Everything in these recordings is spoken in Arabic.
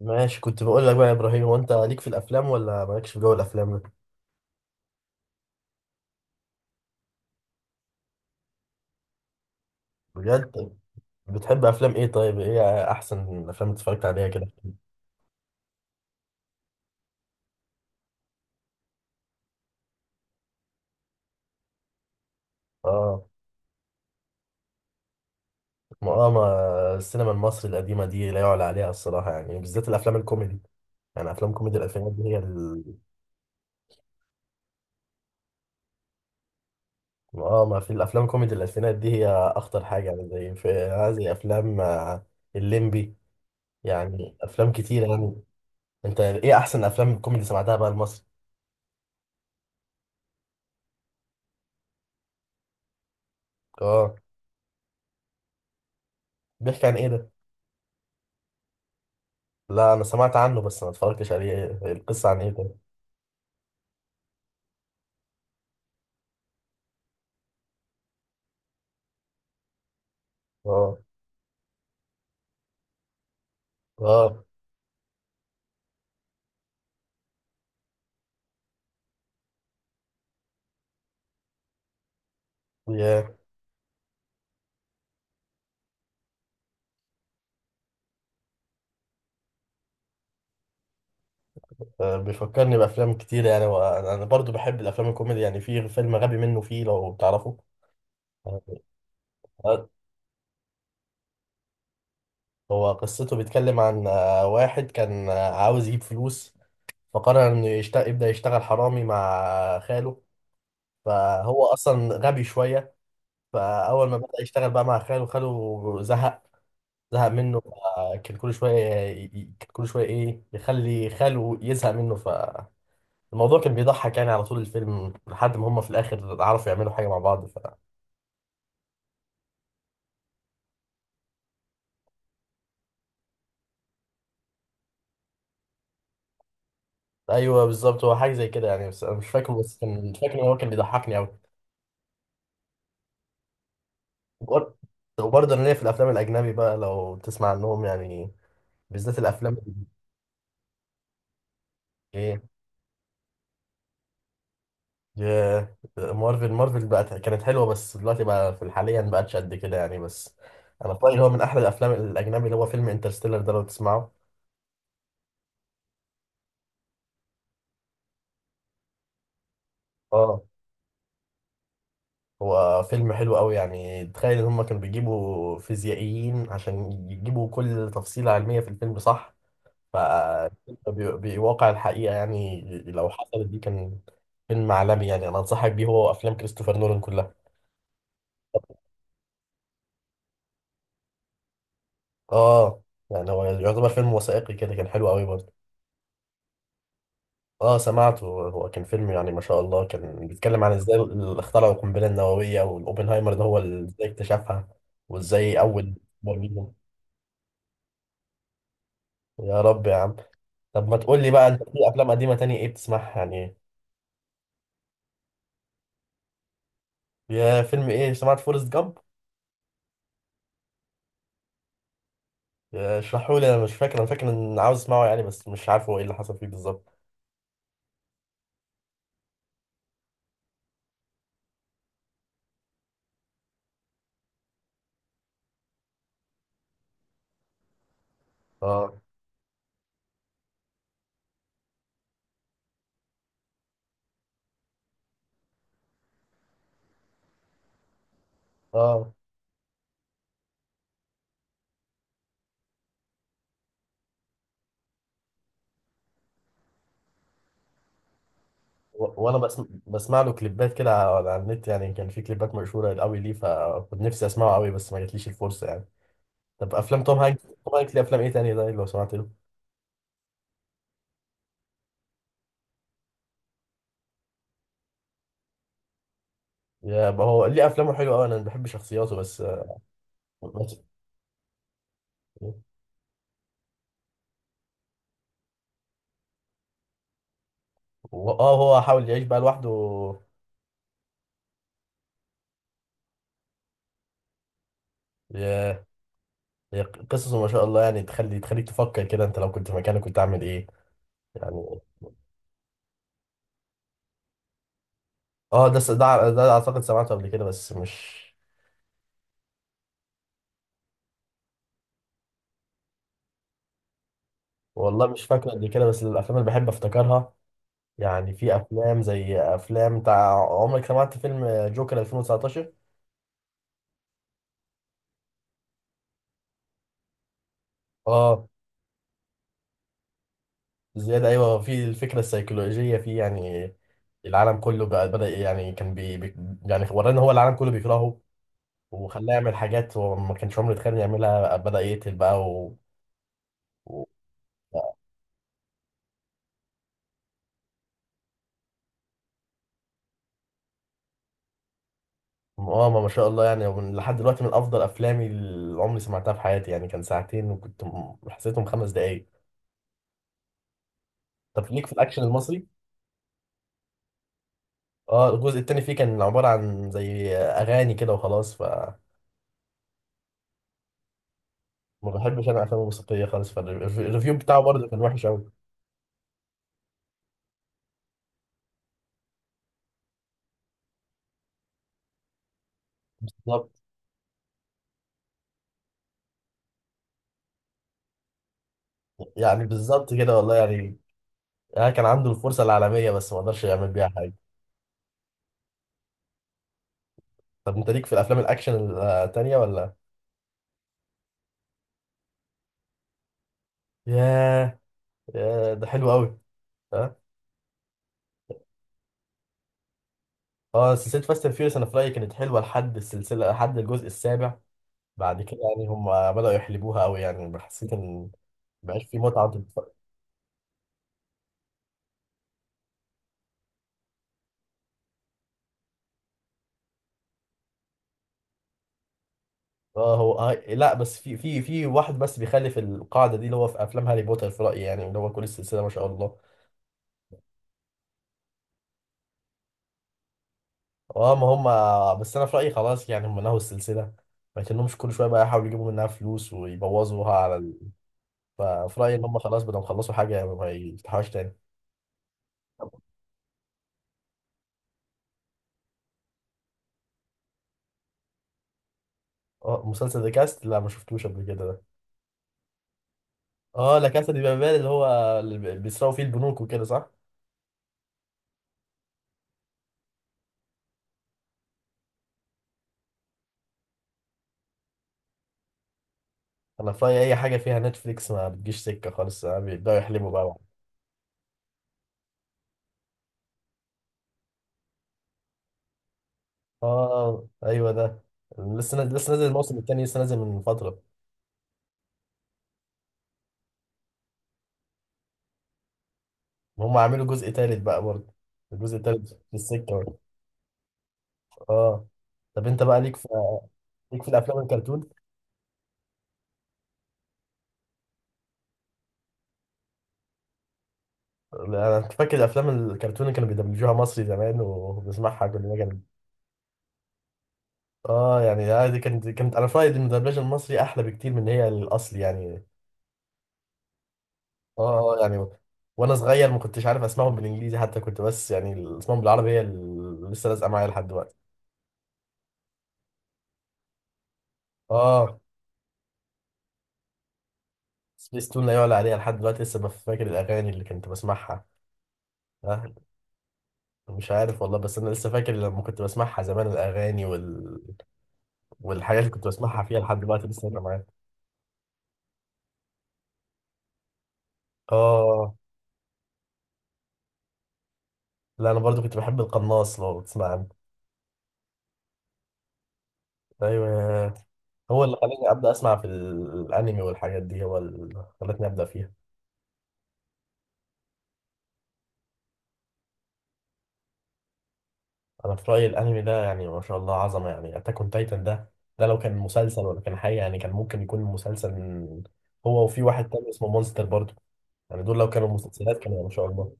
ماشي، كنت بقول لك بقى يا ابراهيم، هو انت ليك في الافلام ولا مالكش في جو الافلام ده؟ بجد؟ بتحب افلام ايه؟ طيب ايه احسن الافلام اللي اتفرجت عليها كده؟ اه. ما السينما المصري القديمه دي لا يعلى عليها الصراحه، يعني بالذات الافلام الكوميدي. يعني افلام كوميدي الالفينات دي هي. اه، ما في الافلام كوميدي الالفينات دي هي اخطر حاجه، يعني زي في هذه افلام الليمبي. يعني افلام كتيره يعني. انت ايه احسن افلام كوميدي سمعتها بقى المصري؟ اه. بيحكي عن ايه ده؟ لا، انا سمعت عنه بس ما اتفرجتش عليه. القصه عن ايه ده؟ اه، اه. ياه. بيفكرني بافلام كتير يعني، وانا أنا برضو بحب الافلام الكوميدي، يعني في فيلم غبي منه فيه لو تعرفه. آه، آه، هو قصته بيتكلم عن واحد كان عاوز يجيب فلوس، فقرر انه يبدا يشتغل حرامي مع خاله. فهو اصلا غبي شويه. فاول ما بدا يشتغل بقى مع خاله زهق، زهق منه. فكان كل شوية ي- ي- كان كل شوية إيه يخلي خاله يزهق منه، فالموضوع كان بيضحك يعني على طول الفيلم لحد ما هما في الآخر عرفوا يعملوا حاجة مع بعض. أيوه، بالظبط، هو حاجة زي كده يعني، بس أنا مش فاكره، بس كان مش فاكر إن هو كان بيضحكني أوي. وبر- وبرضه أنا ليا في الأفلام الأجنبي بقى لو تسمع عنهم يعني، بالذات الأفلام اللي... إيه؟ ياه، مارفل بقت كانت حلوة، بس دلوقتي بقى في الحاليا بقتش قد كده يعني. بس أنا في رأيي اللي هو من أحلى الأفلام الأجنبي اللي هو فيلم انترستيلر ده، لو تسمعه. اه، هو فيلم حلو قوي يعني. تخيل ان هم كانوا بيجيبوا فيزيائيين عشان يجيبوا كل تفصيلة علمية في الفيلم، صح؟ ف بيواقع الحقيقة، يعني لو حصلت دي كان فيلم عالمي يعني. انا انصحك بيه، هو افلام كريستوفر نولان كلها. اه، يعني هو يعتبر فيلم وثائقي كده، كان حلو قوي برضه. اه، سمعته. هو كان فيلم يعني ما شاء الله، كان بيتكلم عن ازاي اخترعوا القنبلة النووية، والاوبنهايمر ده هو ازاي اكتشفها. وازاي اول... مين؟ يا رب يا عم. طب ما تقول لي بقى، انت في افلام قديمه تانية ايه بتسمعها يعني؟ يا فيلم ايه، سمعت فورست جامب؟ اشرحوا لي، انا مش فاكر. انا فاكر ان عاوز اسمعه يعني، بس مش عارف هو ايه اللي حصل فيه بالظبط. اه، اه. وانا بسمع له كليبات كده على النت يعني، كان في كليبات مشهوره قوي ليه، فكنت نفسي اسمعه قوي بس ما جاتليش الفرصه يعني. طب افلام توم هانكس ليه افلام ايه تانية ده لو سمعت له؟ يا ما هو ليه افلامه حلوه قوي، انا بحب شخصياته بس. بس- اه، هو حاول يعيش بقى لوحده. هي قصصه ما شاء الله يعني، تخليك تفكر كده، انت لو كنت في مكانك كنت عامل ايه يعني؟ اه، ده س- ده ده اعتقد سمعته قبل كده بس مش. والله مش فاكره قبل كده. بس الافلام اللي بحب افتكرها، يعني في افلام زي افلام بتاع عمرك، سمعت فيلم جوكر 2019؟ اه، زياده. ايوه، في الفكره السيكولوجيه فيه يعني. العالم كله بقى بدأ، يعني يعني ورانا، هو العالم كله بيكرهه وخلاه يعمل حاجات هو ما كانش عمره يتخيل إنه يعملها، بدأ يقتل بقى. اه، ما شاء الله يعني. لحد دلوقتي من افضل افلامي اللي عمري سمعتها في حياتي يعني. كان ساعتين وكنت حسيتهم 5 دقايق. طب ليك في الاكشن المصري؟ اه، الجزء التاني فيه كان عباره عن زي اغاني كده وخلاص، ف ما بحبش انا الافلام الموسيقيه خالص، فالريفيو بتاعه برضه كان وحش قوي. بالظبط، يعني بالظبط كده والله يعني. كان عنده الفرصه العالميه بس ما قدرش يعمل بيها حاجه. طب انت ليك في الافلام الاكشن التانيه ولا؟ ياه. ياه، ده حلو قوي. اه، سلسلة فاست اند فيوريوس انا في رأيي كانت حلوة لحد الجزء السابع. بعد كده يعني هم بدأوا يحلبوها قوي، يعني حسيت ان مبقاش في متعة اه. هو لا، بس في واحد بس بيخالف القاعدة دي، اللي هو في افلام هاري بوتر في رأيي يعني، اللي هو كل السلسلة ما شاء الله. اه، ما هم. بس انا في رأيي خلاص يعني هم نهوا السلسلة، ما يتنهمش كل شوية بقى يحاولوا يجيبوا منها فلوس ويبوظوها على. ففي رأيي ان هم خلاص بدهم يخلصوا حاجة ما يفتحوهاش تاني. مسلسل ذا كاست لا ما شفتوش قبل كده ده. اه، لا كاسا دي بابيل، اللي بيسرقوا فيه البنوك وكده، صح؟ انا في رأيي اي حاجه فيها نتفليكس ما بتجيش سكه خالص. بيبداوا يحلبوا بقى. اه، ايوه ده. لسه نازل الموسم الثاني لسه نازل من فتره. هم عملوا جزء ثالث بقى برضه. الجزء الثالث في السكه برضه. اه. طب انت بقى ليك في الافلام الكرتون؟ انا كنت فاكر الافلام الكرتون اللي كانوا بيدبلجوها مصري زمان وبنسمعها كلنا كانت... اه، يعني، دي كانت انا في رأيي إن الدبلجه المصري احلى بكتير من هي الاصلي يعني. اه، يعني وانا صغير ما كنتش عارف اسمعهم بالانجليزي حتى، كنت بس يعني الاسمهم بالعربي هي اللي لسه لازقه معايا لحد دلوقتي. اه، سبيس تون لا يعلى عليها لحد دلوقتي، لسه فاكر الاغاني اللي كنت بسمعها. آه، مش عارف والله، بس انا لسه فاكر لما كنت بسمعها زمان الاغاني. والحاجات اللي كنت بسمعها فيها لحد دلوقتي لسه فاكرة معايا. اه، لا انا برضو كنت بحب القناص لو بتسمع عنه. ايوه، هو اللي خلاني ابدا اسمع في الانمي والحاجات دي، هو اللي خلتني ابدا فيها. انا في رايي الانمي ده يعني ما شاء الله عظمه يعني، اتاك اون تايتن ده، ده لو كان مسلسل ولا كان حاجه يعني، كان ممكن يكون مسلسل. هو وفي واحد تاني اسمه مونستر برضه. يعني دول لو كانوا مسلسلات كانوا ما شاء الله.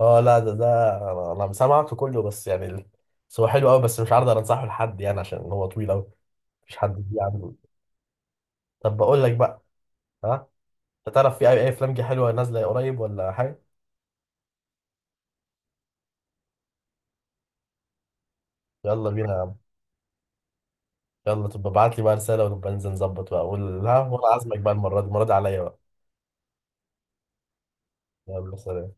اه، لا، ده أنا سمعته كله، بس يعني بس هو حلو قوي، بس مش عارض انصحه لحد يعني عشان هو طويل قوي. مش حد بيه عنده. طب بقول لك بقى. ها. انت تعرف في أي افلام جه حلوه نازله قريب ولا حاجه؟ يلا بينا يا عم. يلا تبقى ابعت لي بقى رساله ونبقى ننزل نظبط بقى، اقول ها، وانا عازمك بقى، المره دي، المره دي عليا بقى. يلا سلام.